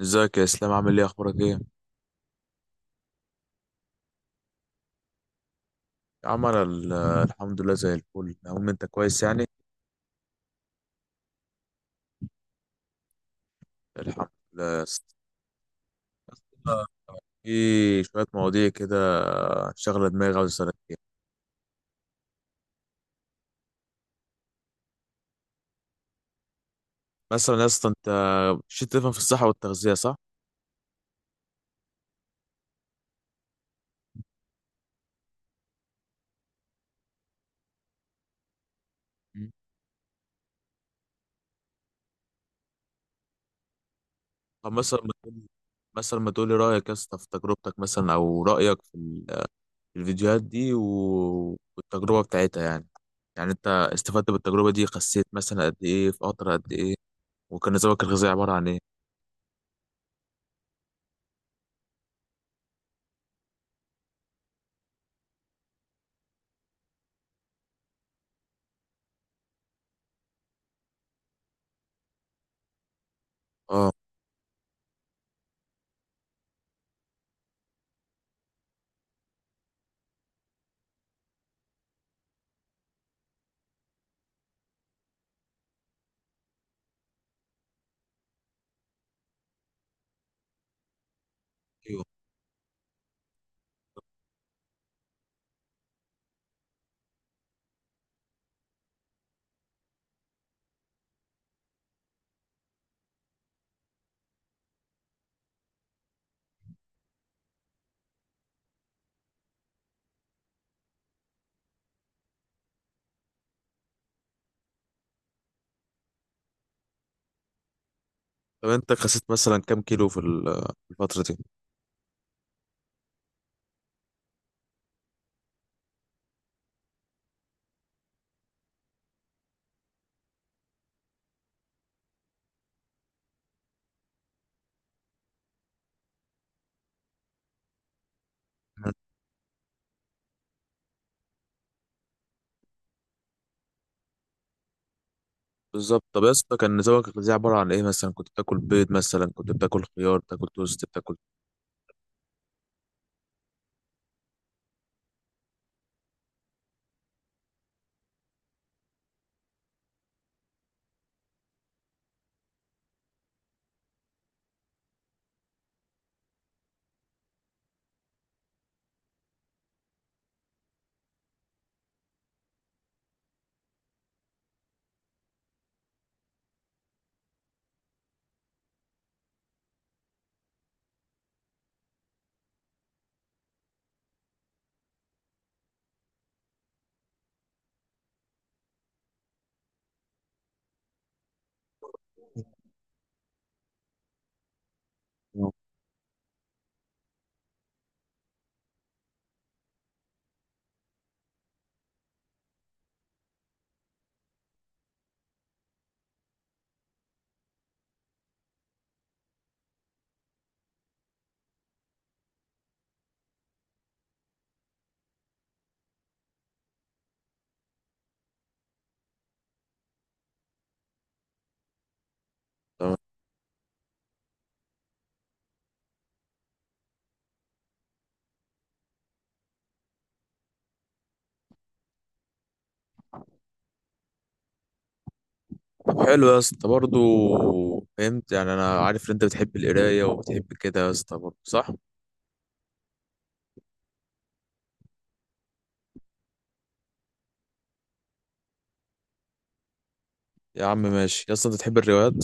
ازيك يا اسلام؟ عامل ايه؟ اخبارك ايه؟ يا عم انا الحمد لله زي الفل. المهم انت كويس يعني؟ الحمد لله. آه، في شويه مواضيع كده شغله دماغي عاوز اسالك فيها. مثلا يا اسطى انت مش تفهم في الصحه والتغذيه، صح؟ مم. طب مثلا ما تقول، مثلا ما تقولي رايك يا اسطى في تجربتك مثلا، او رايك في في الفيديوهات دي والتجربه بتاعتها يعني. يعني انت استفدت بالتجربه دي؟ خسيت مثلا قد ايه؟ في قطر قد ايه؟ وكان نظامك الغذائي عباره عن ايه؟ اه. طب انت خسيت مثلا كام كيلو في في الفترة دي؟ بالظبط. طب يا اسطى كان نظامك الغذائي عبارة عن ايه؟ مثلا كنت بتاكل بيض؟ مثلا كنت بتاكل خيار؟ بتاكل توست؟ بتاكل؟ تمام. طب حلو يا اسطى برضه. فهمت يعني. انا عارف ان انت بتحب القراية وبتحب كده يا اسطى، برضه صح؟ يا عم ماشي. يا اسطى انت بتحب الروايات؟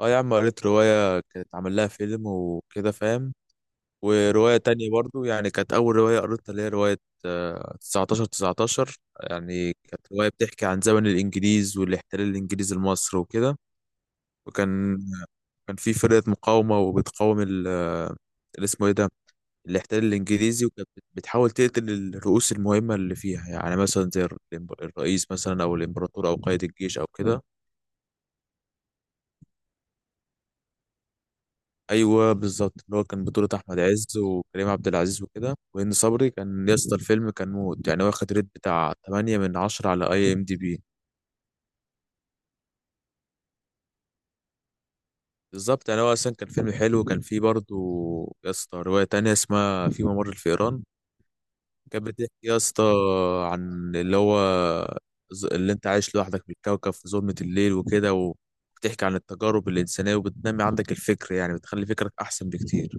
اه يا عم، قريت رواية كانت عامل لها فيلم وكده، فاهم؟ ورواية تانية برضو يعني، كانت أول رواية قريتها، اللي هي رواية 1919. يعني كانت رواية بتحكي عن زمن الإنجليز والاحتلال الإنجليزي لمصر وكده. وكان كان في فرقة مقاومة وبتقاوم ال آه، اللي اسمه إيه ده، الاحتلال الإنجليزي. وكانت بتحاول تقتل الرؤوس المهمة اللي فيها، يعني مثلا زي الرئيس مثلا، أو الإمبراطور، أو قائد الجيش، أو كده. ايوه بالظبط، اللي هو كان بطولة احمد عز وكريم عبد العزيز وكده، وهند صبري. كان يا اسطى الفيلم كان موت يعني، واخد ريت بتاع 8 من 10 على IMDB. بالظبط. يعني هو اصلا كان فيلم حلو، وكان فيه برضه يا اسطى رواية تانية اسمها في ممر الفئران. كانت بتحكي يا اسطى عن اللي هو اللي انت عايش لوحدك في الكوكب في ظلمة الليل وكده، و بتحكي عن التجارب الإنسانية، وبتنمي عندك الفكر، يعني بتخلي فكرك أحسن بكتير.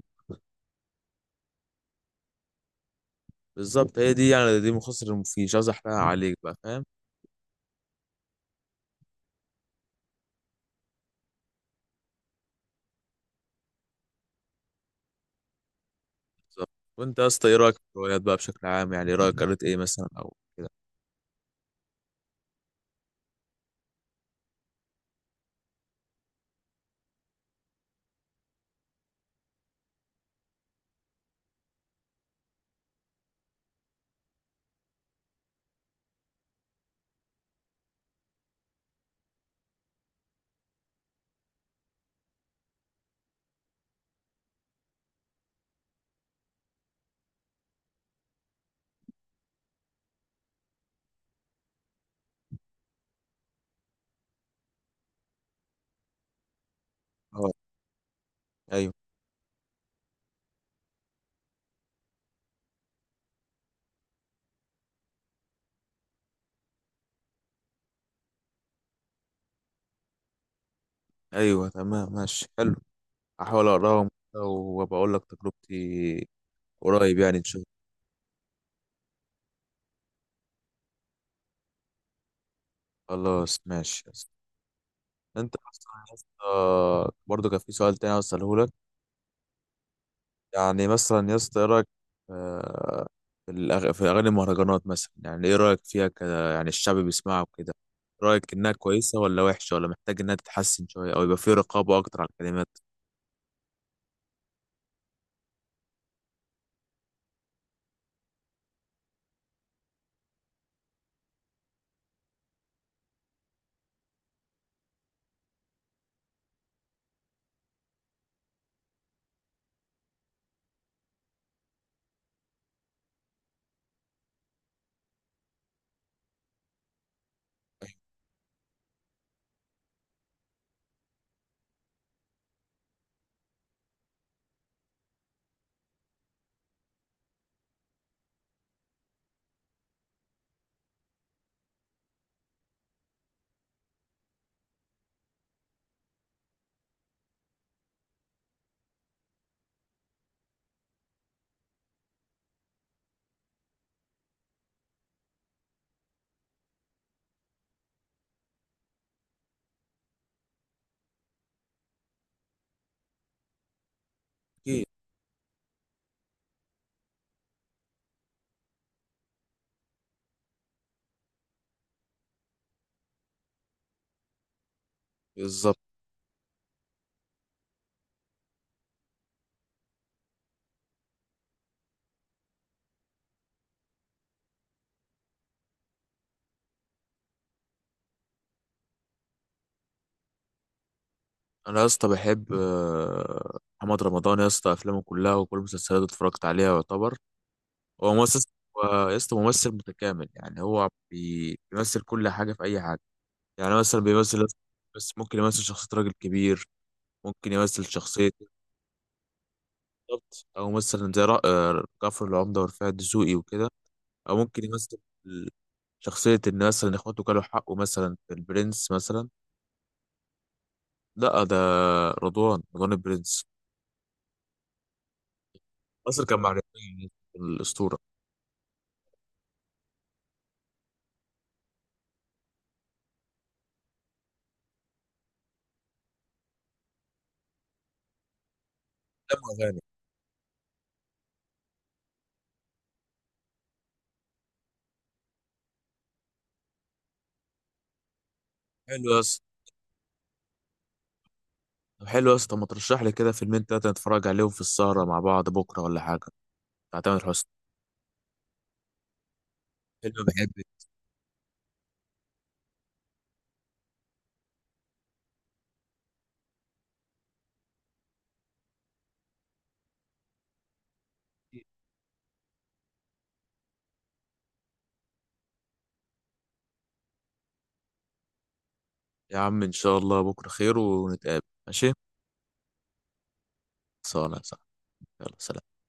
بالظبط. هي دي يعني، دي مختصر المفيد، مش عايز أحرقها عليك بقى، فاهم؟ بالظبط. وانت يا اسطى ايه رايك في الروايات بقى بشكل عام؟ يعني رايك قريت ايه مثلا او كده؟ اه ايوه ايوه تمام ماشي حلو. احاول اقراهم كده وبقول لك تجربتي قريب يعني، ان شاء الله. خلاص ماشي يا اسطى. انت مثلا يا اسطى برضه كان في سؤال تاني عاوز اساله لك. يعني مثلا يا اسطى ايه رايك آه، في في اغاني المهرجانات مثلا؟ يعني ايه رايك فيها كده؟ يعني الشعب بيسمعها وكده. رايك انها كويسه ولا وحشه؟ ولا محتاج انها تتحسن شويه، او يبقى في رقابه اكتر على الكلمات؟ اكيد. بالظبط. انا يا اسطى بحب محمد رمضان. يا اسطى افلامه كلها وكل المسلسلات اتفرجت عليها يعتبر. هو ممثل، هو يا اسطى ممثل متكامل يعني. هو بيمثل كل حاجه في اي حاجه. يعني مثلا بيمثل، بس ممكن يمثل شخصيه راجل كبير، ممكن يمثل شخصيه، بالظبط، او مثلا زي جعفر العمده ورفاعي الدسوقي وكده، او ممكن يمثل شخصيه ان مثلا اخواته كانوا حقه مثلا في البرنس مثلا. لا ده رضوان، رضوان البرنس. مصر كان مع الاسطوره. حلو يا اسطى. طب حلو يا اسطى، ما ترشح لي كده فيلمين تلاتة نتفرج عليهم في السهرة مع بعض بكرة ولا حاجة؟ بتاع تامر حسني، فيلم بحب. يا عم إن شاء الله بكرة خير ونتقابل، ماشي؟ صلاة صح. يلا سلام.